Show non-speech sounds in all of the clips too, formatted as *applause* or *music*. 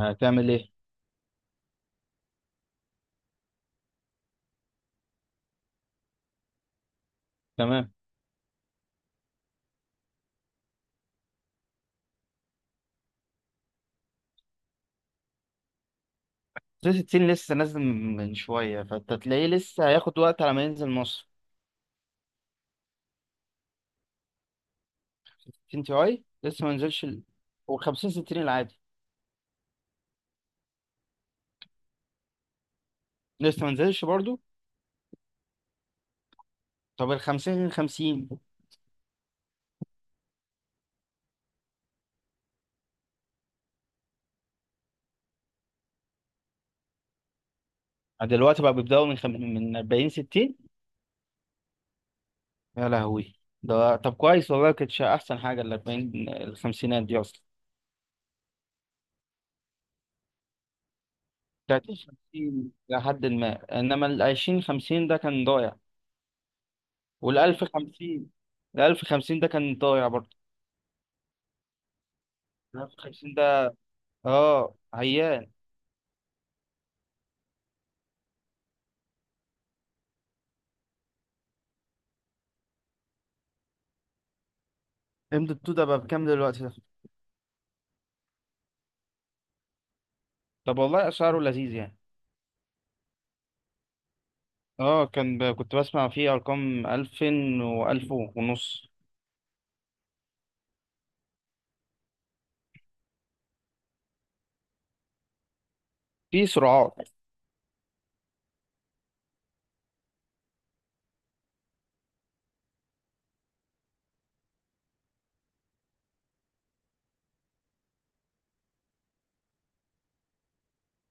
هتعمل ايه؟ تمام. 360 لسه نازل من شويه، فانت تلاقيه لسه هياخد وقت على ما ينزل مصر. 60 تي اي لسه ما نزلش و50 60 العادي لسه ما نزلش برضو. طب ال 50 50؟ دلوقتي بقى بيبداوا من 40 60. يا لهوي. ده طب كويس والله، كانتش احسن حاجه ال 40 الخمسينات دي اصلا. 30 50 لحد ما انما ال 20 50 ده كان ضايع. وال 1050. ال 1050 ده كان ضايع برضه. ال 1050 ده. اه عيان. ام دوت 2 ده بقى بكام دلوقتي ده؟ طب والله اسعاره لذيذ يعني. اه كان كنت بسمع فيه ارقام 2000 و1000 ونص. في سرعات.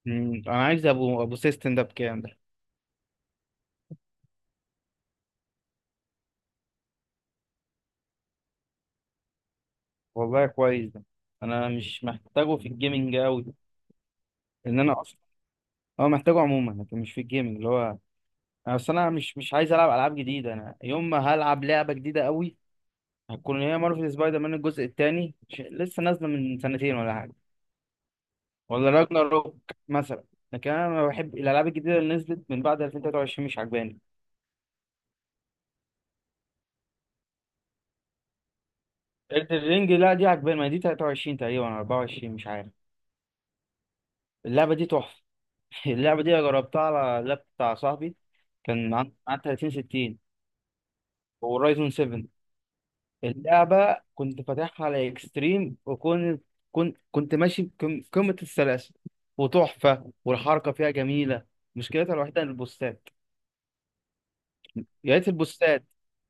انا عايز ابو سيستم ده بكام ده؟ والله كويس ده. انا مش محتاجه في الجيمنج قوي. انا اصلا. اه محتاجه عموما، لكن مش في الجيمنج اللي هو. أنا اصل انا مش عايز العب العاب جديده. انا يوم ما هلعب لعبه جديده قوي هتكون هي مارفل سبايدر مان الجزء الثاني، لسه نازله من سنتين ولا حاجه. ولا راجناروك مثلا. لكن انا ما بحب الالعاب الجديده، اللي نزلت من بعد 2023 مش عجباني. الرينج لا دي عجباني، ما دي 23 تقريبا 24 مش عارف. اللعبه دي تحفه. *laughs* اللعبه دي أنا جربتها على اللاب بتاع صاحبي. كان عن 30 60 ورايزون 7. اللعبه كنت فاتحها على اكستريم، وكنت كنت كنت ماشي قمه السلاسه. وتحفه، والحركه فيها جميله. مشكلتها الوحيده البوستات. يا ريت البوستات.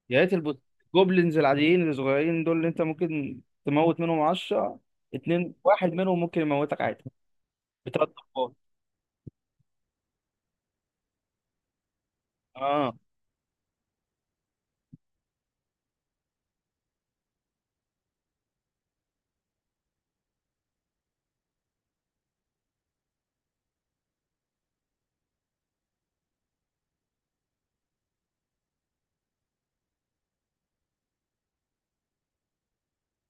يا ريت البوست. الجوبلينز العاديين الصغيرين دول اللي انت ممكن تموت منهم 10. اتنين واحد منهم ممكن يموتك عادي. بتلات ضربات. اه،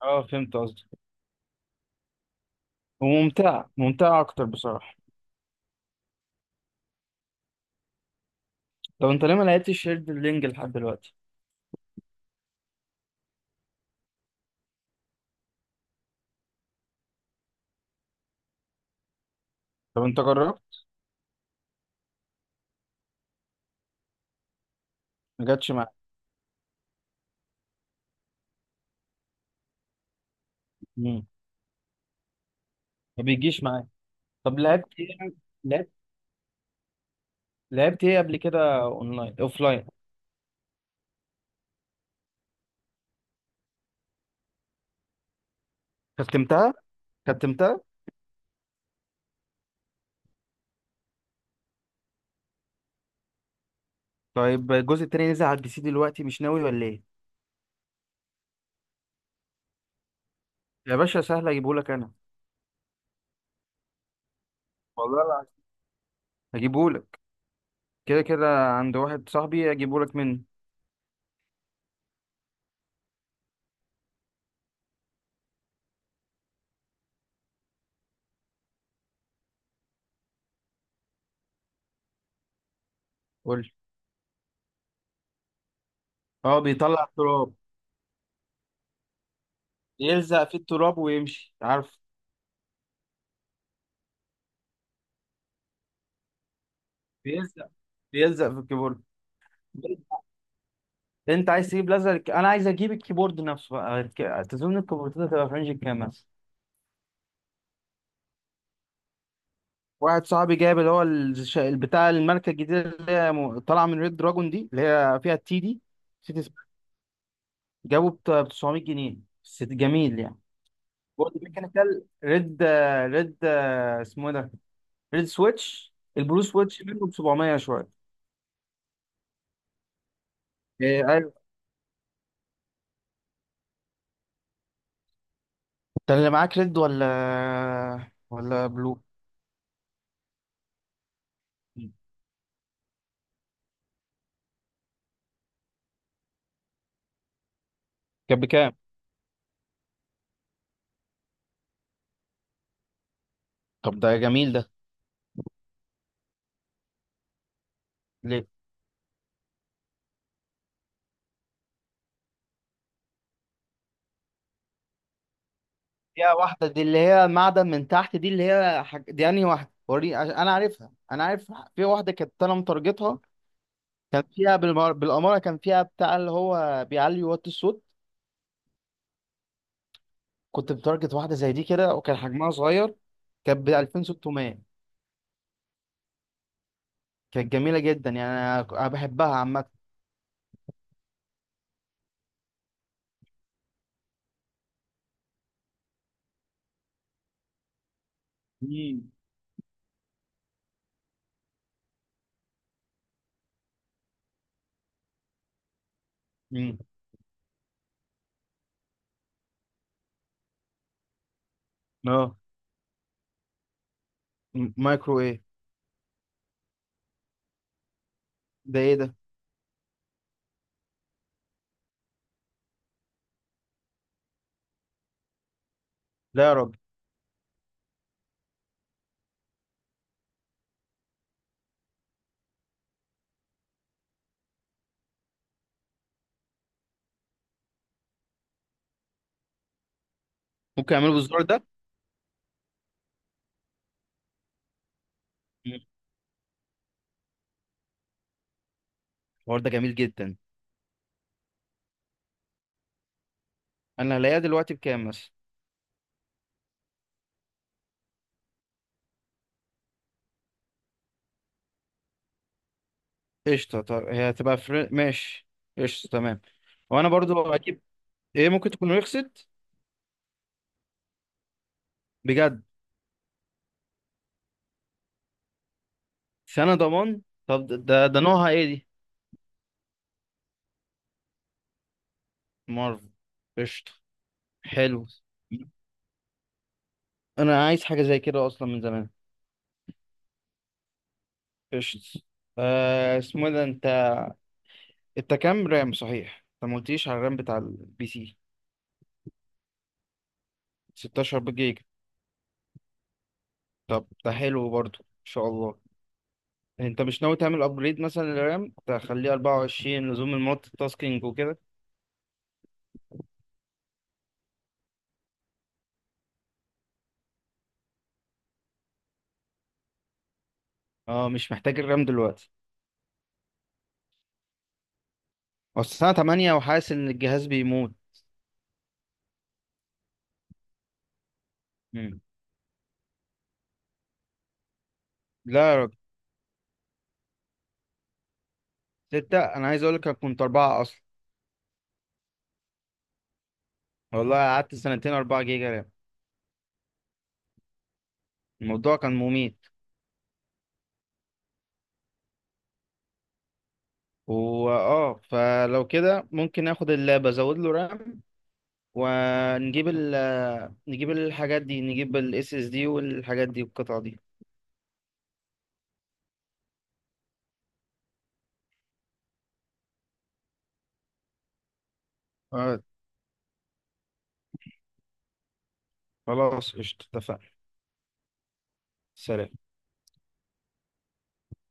اه، فهمت قصدي. وممتعة ممتعة اكتر بصراحة. طب انت ليه ما لعبتش هيرد لينج لحد دلوقتي؟ طب انت جربت؟ ما جاتش معاك. مم. ما بيجيش معاك. طب لعبت ايه؟ لعبت. لعبت ايه قبل كده؟ اونلاين اوفلاين؟ ختمتها. ختمتها. طيب الجزء التاني نزل على البي سي دلوقتي، مش ناوي ولا ايه؟ يا باشا، سهل اجيبهولك انا. والله هجيبهولك. كده كده عند واحد صاحبي، هجيبهولك منه. قول لي. اه، بيطلع التراب. يلزق في التراب ويمشي، عارف. بيلزق. بيلزق في الكيبورد. انت عايز تجيب لزق، انا عايز اجيب الكيبورد نفسه بقى. تظن الكيبوردات هتبقى في رينج كام مثلا؟ واحد صاحبي جايب اللي هو بتاع الماركة الجديدة، اللي هي طالعة من ريد دراجون، دي اللي هي فيها التي دي. نسيت اسمها. جابه ب 900 جنيه. بس جميل يعني. بورد ميكانيكال ريد. ريد اسمه إيه ده؟ ريد سويتش. البلو سويتش منه ب 700 شويه. إيه، ايوه. انت اللي معاك ريد ولا بلو؟ كان بكام؟ طب ده جميل ده. ليه؟ فيها واحدة دي اللي هي معدن من تحت، دي اللي هي دي انهي واحدة؟ انا عارفها، انا عارف في واحدة كانت انا متارجتها. كان فيها بالأمارة كان فيها بتاع اللي هو بيعلي وات الصوت. كنت متارجت واحدة زي دي كده، وكان حجمها صغير. كانت ب 2600. كانت جميلة جدا يعني، انا أنا بحبها عامة. مم. مم. اه. مايكرو ايه؟ ده ايه ده؟ لا يا راجل. ممكن اعمله بالزرار ده؟ مم. الحوار ده جميل جدا. انا هلاقيها دلوقتي بكام مثلا؟ قشطه. طب هي هتبقى ماشي. قشطه، تمام. وانا برضو اجيب. ايه، ممكن تكون رخصت. بجد؟ سنه ضمان. طب ده نوعها ايه دي؟ مارفل. قشطه، حلو. انا عايز حاجه زي كده اصلا من زمان. قشطه. آه، اسمه إيه ده؟ انت كام رام؟ صحيح انت ما قلتيش على الرام بتاع البي سي. 16 جيجا. طب ده حلو برضو ان شاء الله. انت مش ناوي تعمل ابجريد مثلا للرام تخليه 24 لزوم المالتي تاسكينج وكده؟ اه، مش محتاج الرام دلوقتي. اصل الساعه 8 وحاسس ان الجهاز بيموت. مم. لا يا راجل. ستة، انا عايز اقول لك، أنا كنت اربعة اصلا. والله قعدت سنتين 4 جيجا رام. الموضوع كان مميت. واه، فلو كده ممكن اخد اللاب ازود له رام، ونجيب نجيب الحاجات دي، نجيب الاس اس دي والحاجات دي والقطع دي. آه. خلاص قشطة، اتفقنا. سلام.